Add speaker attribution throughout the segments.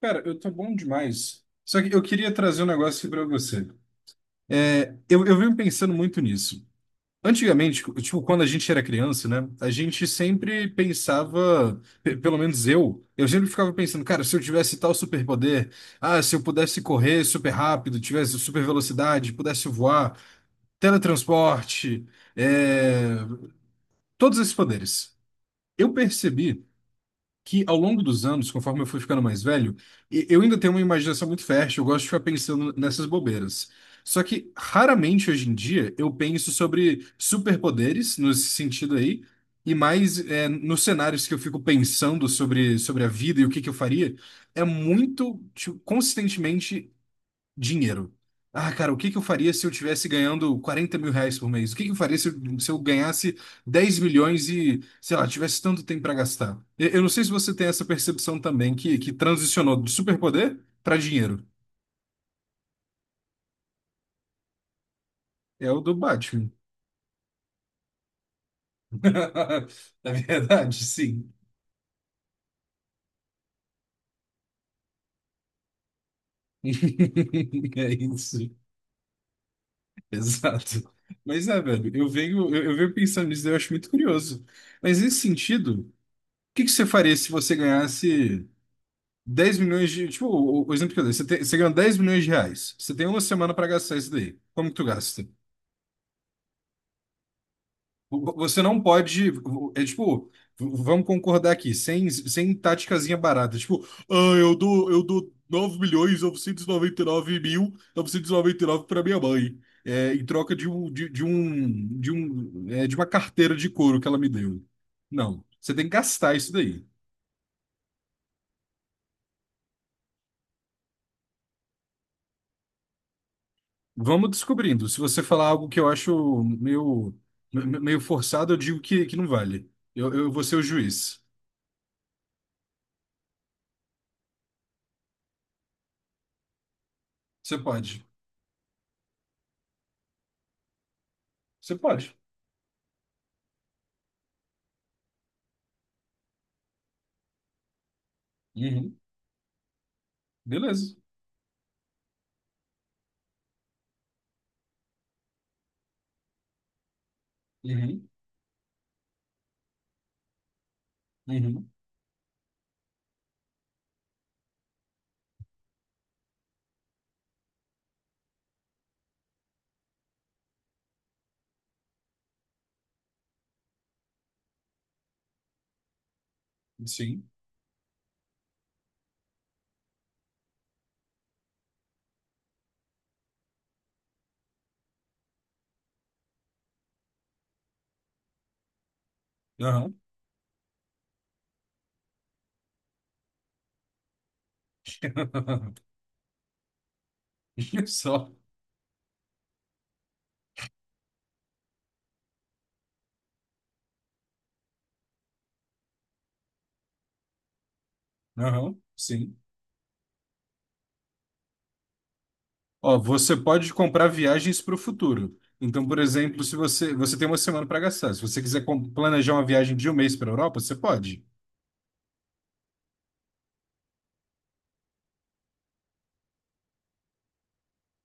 Speaker 1: Cara, eu tô bom demais. Só que eu queria trazer um negócio aqui pra você. Eu venho pensando muito nisso. Antigamente, tipo, quando a gente era criança, né? A gente sempre pensava, pelo menos eu sempre ficava pensando, cara, se eu tivesse tal superpoder, ah, se eu pudesse correr super rápido, tivesse super velocidade, pudesse voar, teletransporte, é, todos esses poderes. Eu percebi que ao longo dos anos, conforme eu fui ficando mais velho, eu ainda tenho uma imaginação muito fértil, eu gosto de ficar pensando nessas bobeiras. Só que raramente hoje em dia eu penso sobre superpoderes nesse sentido aí, e mais é, nos cenários que eu fico pensando sobre a vida e o que que eu faria, é muito tipo, consistentemente dinheiro. Ah, cara, o que que eu faria se eu tivesse ganhando R$ 40.000 por mês? O que que eu faria se eu ganhasse 10 milhões e, sei lá, tivesse tanto tempo para gastar? Eu não sei se você tem essa percepção também, que transicionou do superpoder para dinheiro. É o do Batman. Na verdade, sim. É isso. Exato. Mas é, velho, eu venho pensando nisso, eu acho muito curioso. Mas nesse sentido, o que que você faria se você ganhasse 10 milhões de. Tipo, o exemplo que eu dei, você, tem, você ganha 10 milhões de reais. Você tem uma semana para gastar isso daí. Como que tu gasta? Você não pode. É tipo, vamos concordar aqui, sem táticazinha barata. Tipo, ah, eu dou 9 milhões e 99 mil e 99 para minha mãe. É, em troca de um, é, de uma carteira de couro que ela me deu. Não, você tem que gastar isso daí. Vamos descobrindo. Se você falar algo que eu acho meio forçado, eu digo que não vale. Eu vou ser o juiz. Você pode. Você pode. Uhum. Beleza. Uhum. Uhum. Sim. Aham. Só. Aham. Sim. Ó, você pode comprar viagens para o futuro. Então, por exemplo, se você, você tem uma semana para gastar. Se você quiser planejar uma viagem de um mês para a Europa, você pode.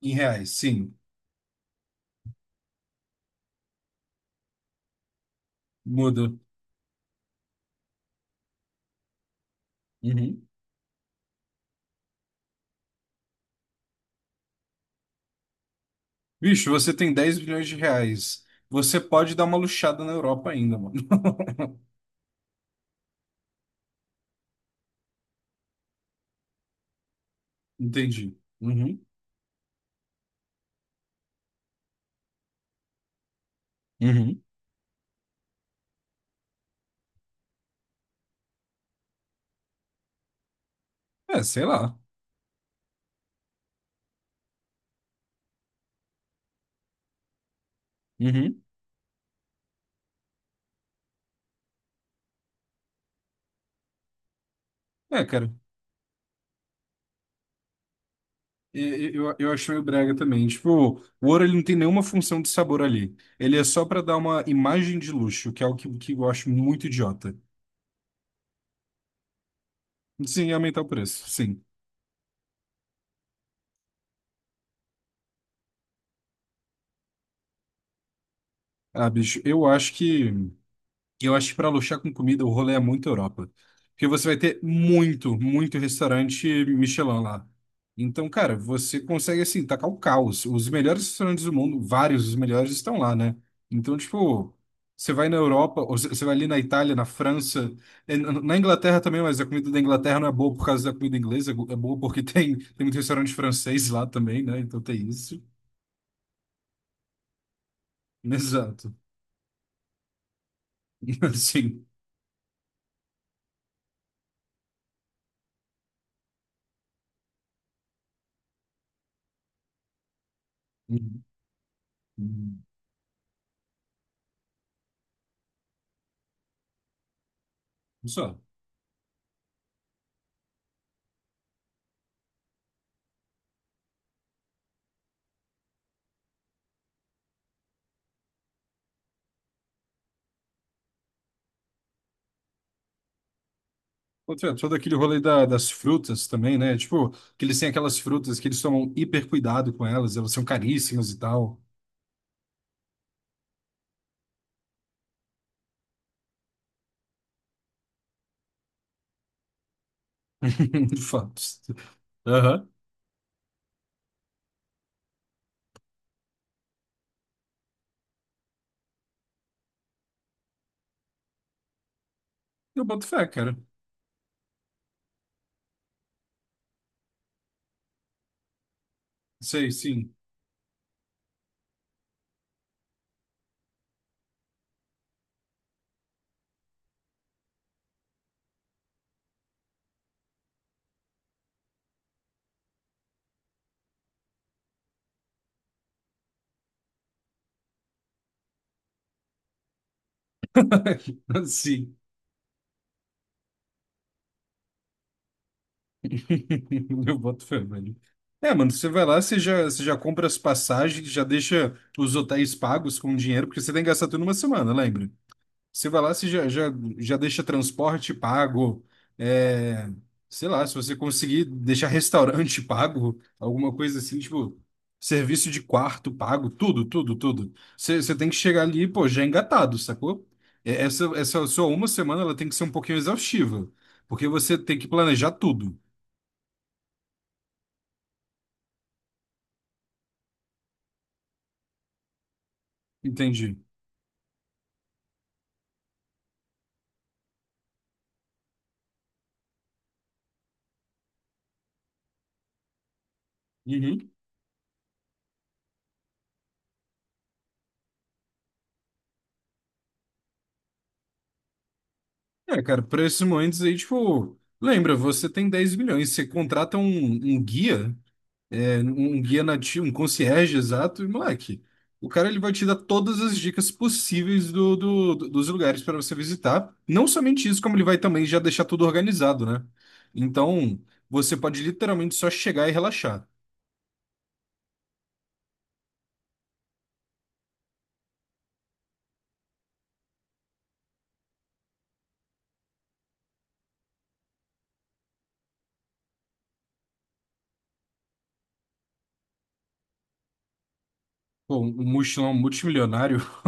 Speaker 1: Em reais, sim. Muda. Uhum. Bicho, você tem R$ 10 bilhões. Você pode dar uma luxada na Europa ainda, mano. Entendi. Uhum. Uhum. É, sei lá. Uhum. É, cara. Eu acho meio brega também. Tipo, o ouro ele não tem nenhuma função de sabor ali. Ele é só pra dar uma imagem de luxo, que é algo que eu acho muito idiota. Sim, aumentar o preço. Sim. Ah, bicho, eu acho que para luxar com comida, o rolê é muito Europa. Porque você vai ter muito restaurante Michelin lá. Então, cara, você consegue, assim, tacar o caos. Os melhores restaurantes do mundo, vários dos melhores, estão lá, né? Então, tipo, você vai na Europa, ou você vai ali na Itália, na França, eh, na Inglaterra também, mas a comida da Inglaterra não é boa por causa da comida inglesa, é boa porque tem muito restaurante francês lá também, né? Então tem isso. Exato. Assim. Uhum. Uhum. Só. Ô, Trento, todo aquele rolê das frutas também, né? Tipo, que eles têm aquelas frutas que eles tomam hiper cuidado com elas, elas são caríssimas e tal. De fato. Aham. Eu boto fé, cara. Sei, sim. Sim. Eu boto fé, velho. É, mano, você vai lá, você já compra as passagens, já deixa os hotéis pagos com dinheiro, porque você tem que gastar tudo numa semana, lembra? Você vai lá, já deixa transporte pago, é, sei lá, se você conseguir deixar restaurante pago, alguma coisa assim, tipo, serviço de quarto pago, tudo, tudo, tudo. Você tem que chegar ali, pô, já engatado, sacou? É, essa sua uma semana, ela tem que ser um pouquinho exaustiva, porque você tem que planejar tudo, entendi. Uhum. É, cara, para esses momentos aí, tipo, lembra, você tem 10 milhões, você contrata um, um guia. Um guia nativo, um concierge exato, e moleque, o cara ele vai te dar todas as dicas possíveis dos lugares para você visitar. Não somente isso, como ele vai também já deixar tudo organizado, né? Então, você pode literalmente só chegar e relaxar. Pô, um mochilão multimilionário.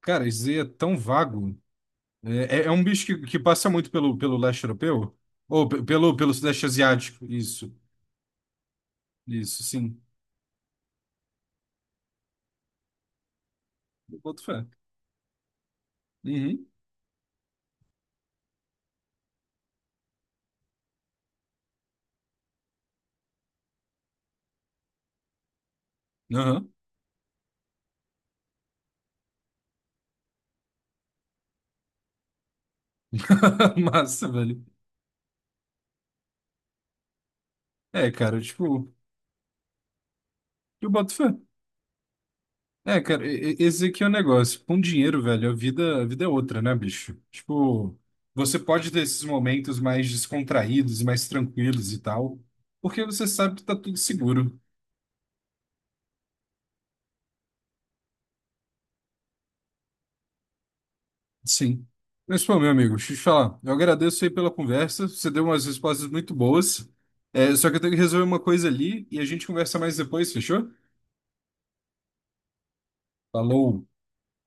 Speaker 1: Cara, isso aí é tão vago. É, é um bicho que passa muito pelo leste europeu? Ou pelo sudeste asiático? Isso, isso, sim. Eu boto fé. Uhum. Aham. Massa, velho. É, cara, tipo, eu boto fé. É, cara, esse aqui é o negócio. Com dinheiro, velho, a vida é outra, né, bicho? Tipo, você pode ter esses momentos mais descontraídos, mais tranquilos e tal, porque você sabe que tá tudo seguro. Sim. Mas, pô, meu amigo, deixa eu te falar. Eu agradeço aí pela conversa. Você deu umas respostas muito boas. É, só que eu tenho que resolver uma coisa ali e a gente conversa mais depois, fechou? Falou.